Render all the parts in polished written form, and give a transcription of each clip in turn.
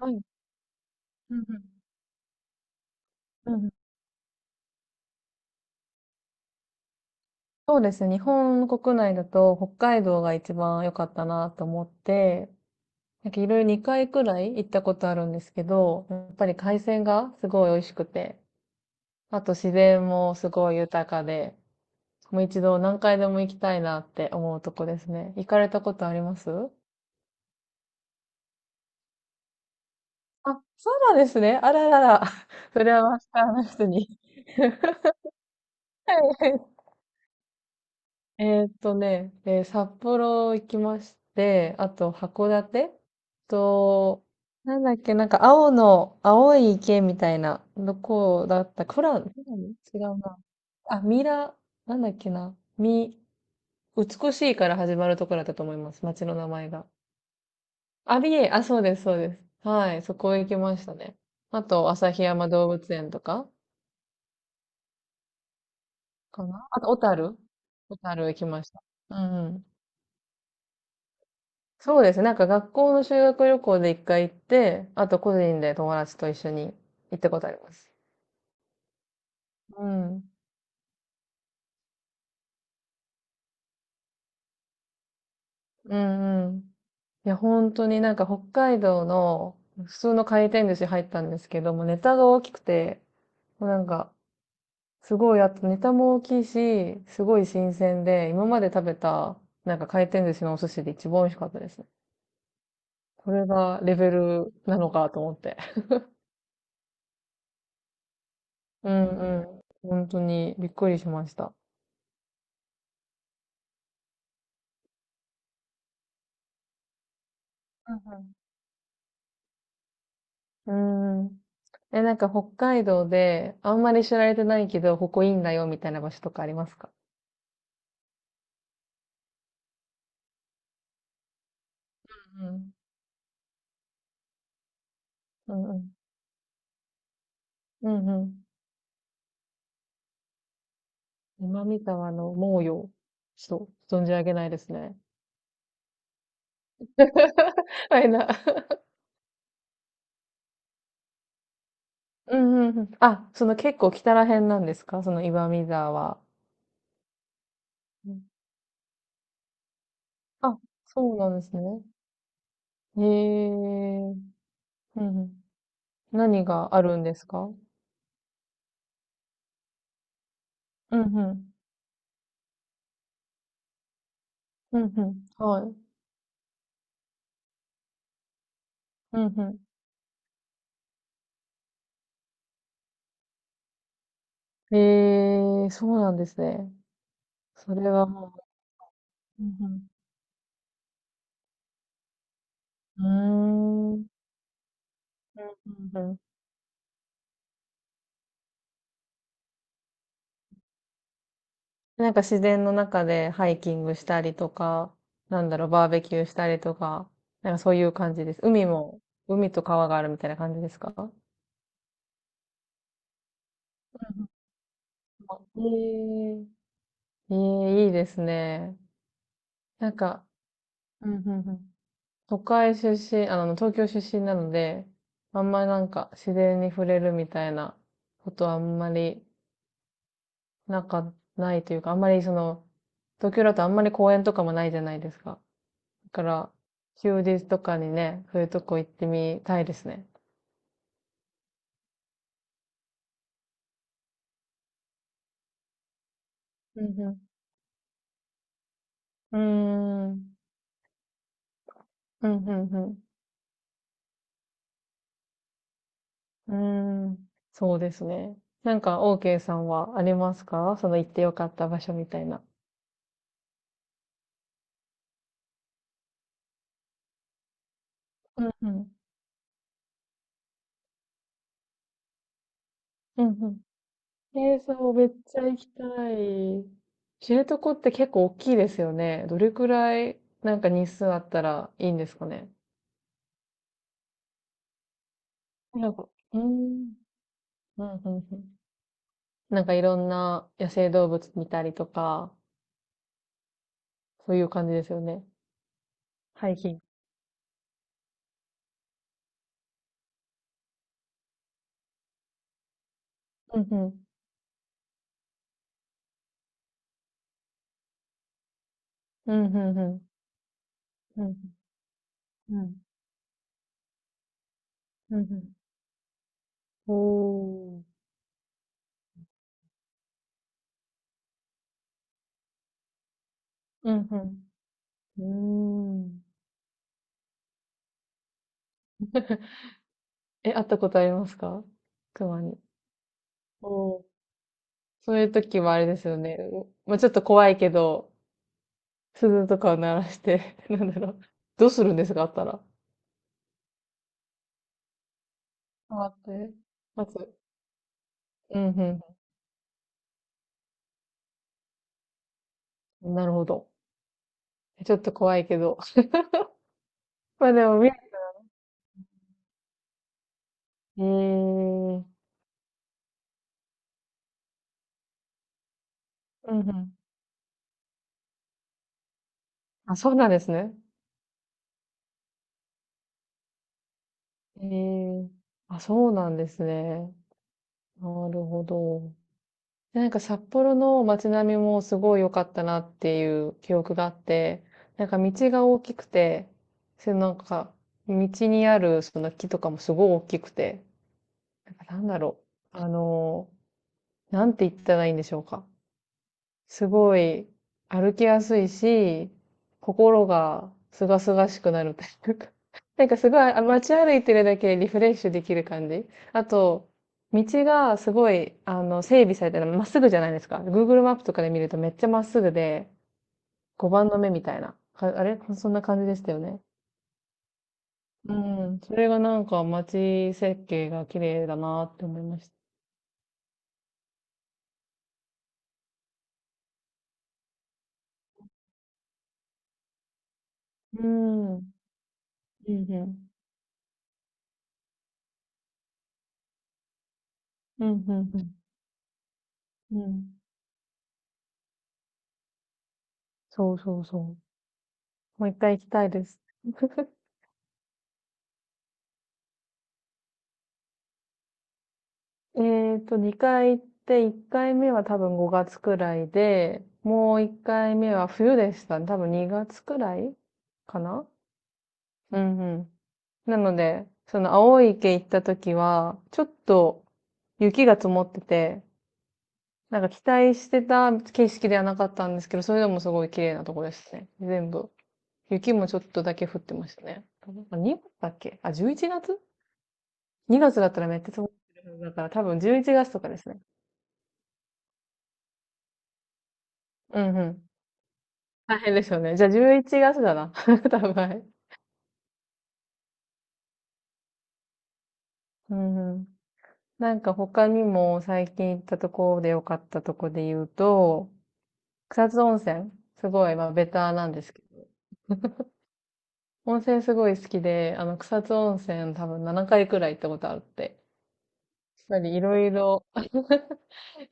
はい。うんうん。うんうん。そうですね。日本国内だと北海道が一番良かったなと思って、なんかいろいろ2回くらい行ったことあるんですけど、やっぱり海鮮がすごい美味しくて、あと自然もすごい豊かで、もう一度何回でも行きたいなって思うとこですね。行かれたことあります？あ、そうなんですね。あららら。それはマスターの人に。はい。えーっとね、えー札幌行きまして、あと函館と、なんだっけ、なんか青い池みたいな、どこだった富良野、富良野違うな。あ、ミラ、なんだっけな。美しいから始まるところだったと思います。町の名前が。アビエイ、あ、そうです、そうです。はい、そこ行きましたね。あと、旭山動物園とかかな。あと、小樽行きました。うんうん。そうですね。なんか学校の修学旅行で1回行って、あと個人で友達と一緒に行ったことあります。うん。うんうん。いや、本当になんか北海道の普通の回転寿司入ったんですけども、ネタが大きくて、もうなんか、すごい、あとネタも大きいし、すごい新鮮で、今まで食べた、なんか回転寿司のお寿司で一番美味しかったですね。これがレベルなのかと思って。うんうん。本当にびっくりしました。ううん、ん。うーん。え、なんか北海道で、あんまり知られてないけど、ここいいんだよ、みたいな場所とかありますか？うん。うんうん。うんうん。今見たわの猛陽。ちょっと、存じ上げないですね。はいな。うんうんうん。あ、その結構北ら辺なんですか？その岩見沢は。うん。あ、そうなんですね。へえ。うんうん。何があるんですか？うんうん。うんうん。はい。うんうん。へえ、そうなんですね。それはもう、うんうん、うーん、うんうんうん。なんか自然の中でハイキングしたりとか、なんだろう、バーベキューしたりとか、なんかそういう感じです。海も、海と川があるみたいな感じですか？うんうんうん。ええ、ええ、いいですね。なんか、うんうんうん。都会出身、あの、東京出身なので、あんまりなんか自然に触れるみたいなことはあんまりなんか、ないというか、あんまりその、東京だとあんまり公園とかもないじゃないですか。だから、休日とかにね、そういうとこ行ってみたいですね。うんうん。うーん。うん、うん、うん。うーん。そうですね。なんか、OK さんはありますか？その行ってよかった場所みたいな。うんうん。うんうん。えー、そう、めっちゃ行きたい。知床って結構大きいですよね。どれくらい、なんか日数あったらいいんですかね。なんか、うーん。うん、うん、うん。なんかいろんな野生動物見たりとか、そういう感じですよね。ハイキング。うん、うん。うん、うん、うん。うん、うん。うん、うん。おー。うん、うん。うーん。え、会ったことありますか？熊に。おー。そういう時はあれですよね。まあ、ちょっと怖いけど、鈴とかを鳴らして、なんだろう。どうするんですかあったら？待って。待つ。うん、うん。うんなるほど。ちょっと怖いけど。まあでもええ、うんうん。あ、そうなんですね。ええ、あ、そうなんですね。なるほど。でなんか札幌の街並みもすごい良かったなっていう記憶があって、なんか道が大きくて、それなんか道にあるその木とかもすごい大きくて、なんかなんだろう。あの、なんて言ったらいいんでしょうか。すごい歩きやすいし、心がすがすがしくなるというか、なんかすごいあ街歩いてるだけでリフレッシュできる感じ。あと、道がすごい、あの、整備されてる、まっすぐじゃないですか。Google マップとかで見るとめっちゃまっすぐで、5番の目みたいな。かあれそんな感じでしたよね。うん。それがなんか街設計が綺麗だなって思いました。うん。うんうん。うんうんうん。うん。そうそうそう。もう1回行きたいです。えっと、2回行って、1回目は多分5月くらいで、もう1回目は冬でしたね。多分2月くらいかな。うんうん。なので、その青い池行った時は、ちょっと雪が積もってて、なんか期待してた景色ではなかったんですけど、それでもすごい綺麗なとこでしたね。全部。雪もちょっとだけ降ってましたね。なんか2月だっけ？あ、11月。2月だったらめっちゃ積もってるはずだから多分11月とかですね。うんうん。大変ですよね。じゃあ11月だな。多分、はい。うんうん。なんか他にも最近行ったところで良かったとこで言うと、草津温泉。すごい、まあベターなんですけど。温泉すごい好きで、あの草津温泉多分7回くらい行ったことあって。やっぱりいろいろ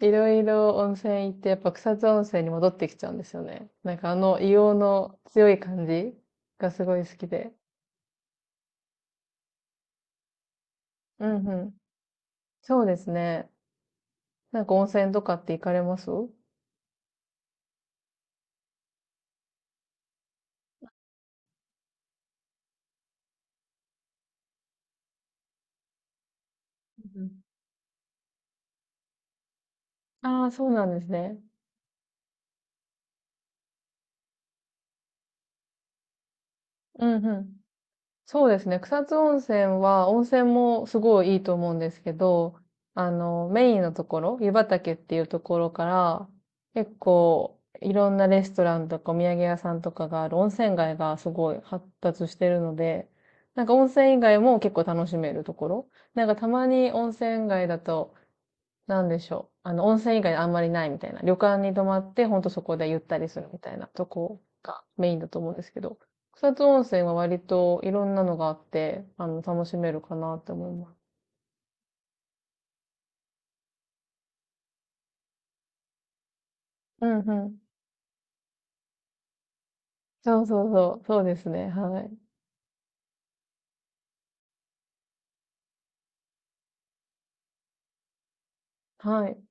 いろいろ温泉行って、やっぱ草津温泉に戻ってきちゃうんですよね。なんかあの硫黄の強い感じがすごい好きで。うんうん。そうですね。なんか温泉とかって行かれます？うんうん。ああ、そうなんですね。うんうん。そうですね。草津温泉は、温泉もすごいいいと思うんですけど、あの、メインのところ、湯畑っていうところから、結構、いろんなレストランとかお土産屋さんとかがある温泉街がすごい発達してるので、なんか温泉以外も結構楽しめるところ。なんかたまに温泉街だと、なんでしょう。あの、温泉以外あんまりないみたいな。旅館に泊まって、ほんとそこでゆったりするみたいなとこがメインだと思うんですけど、草津温泉は割といろんなのがあって、あの、楽しめるかなって思います。うんうん。そうそうそう。そうですね。はい。はい。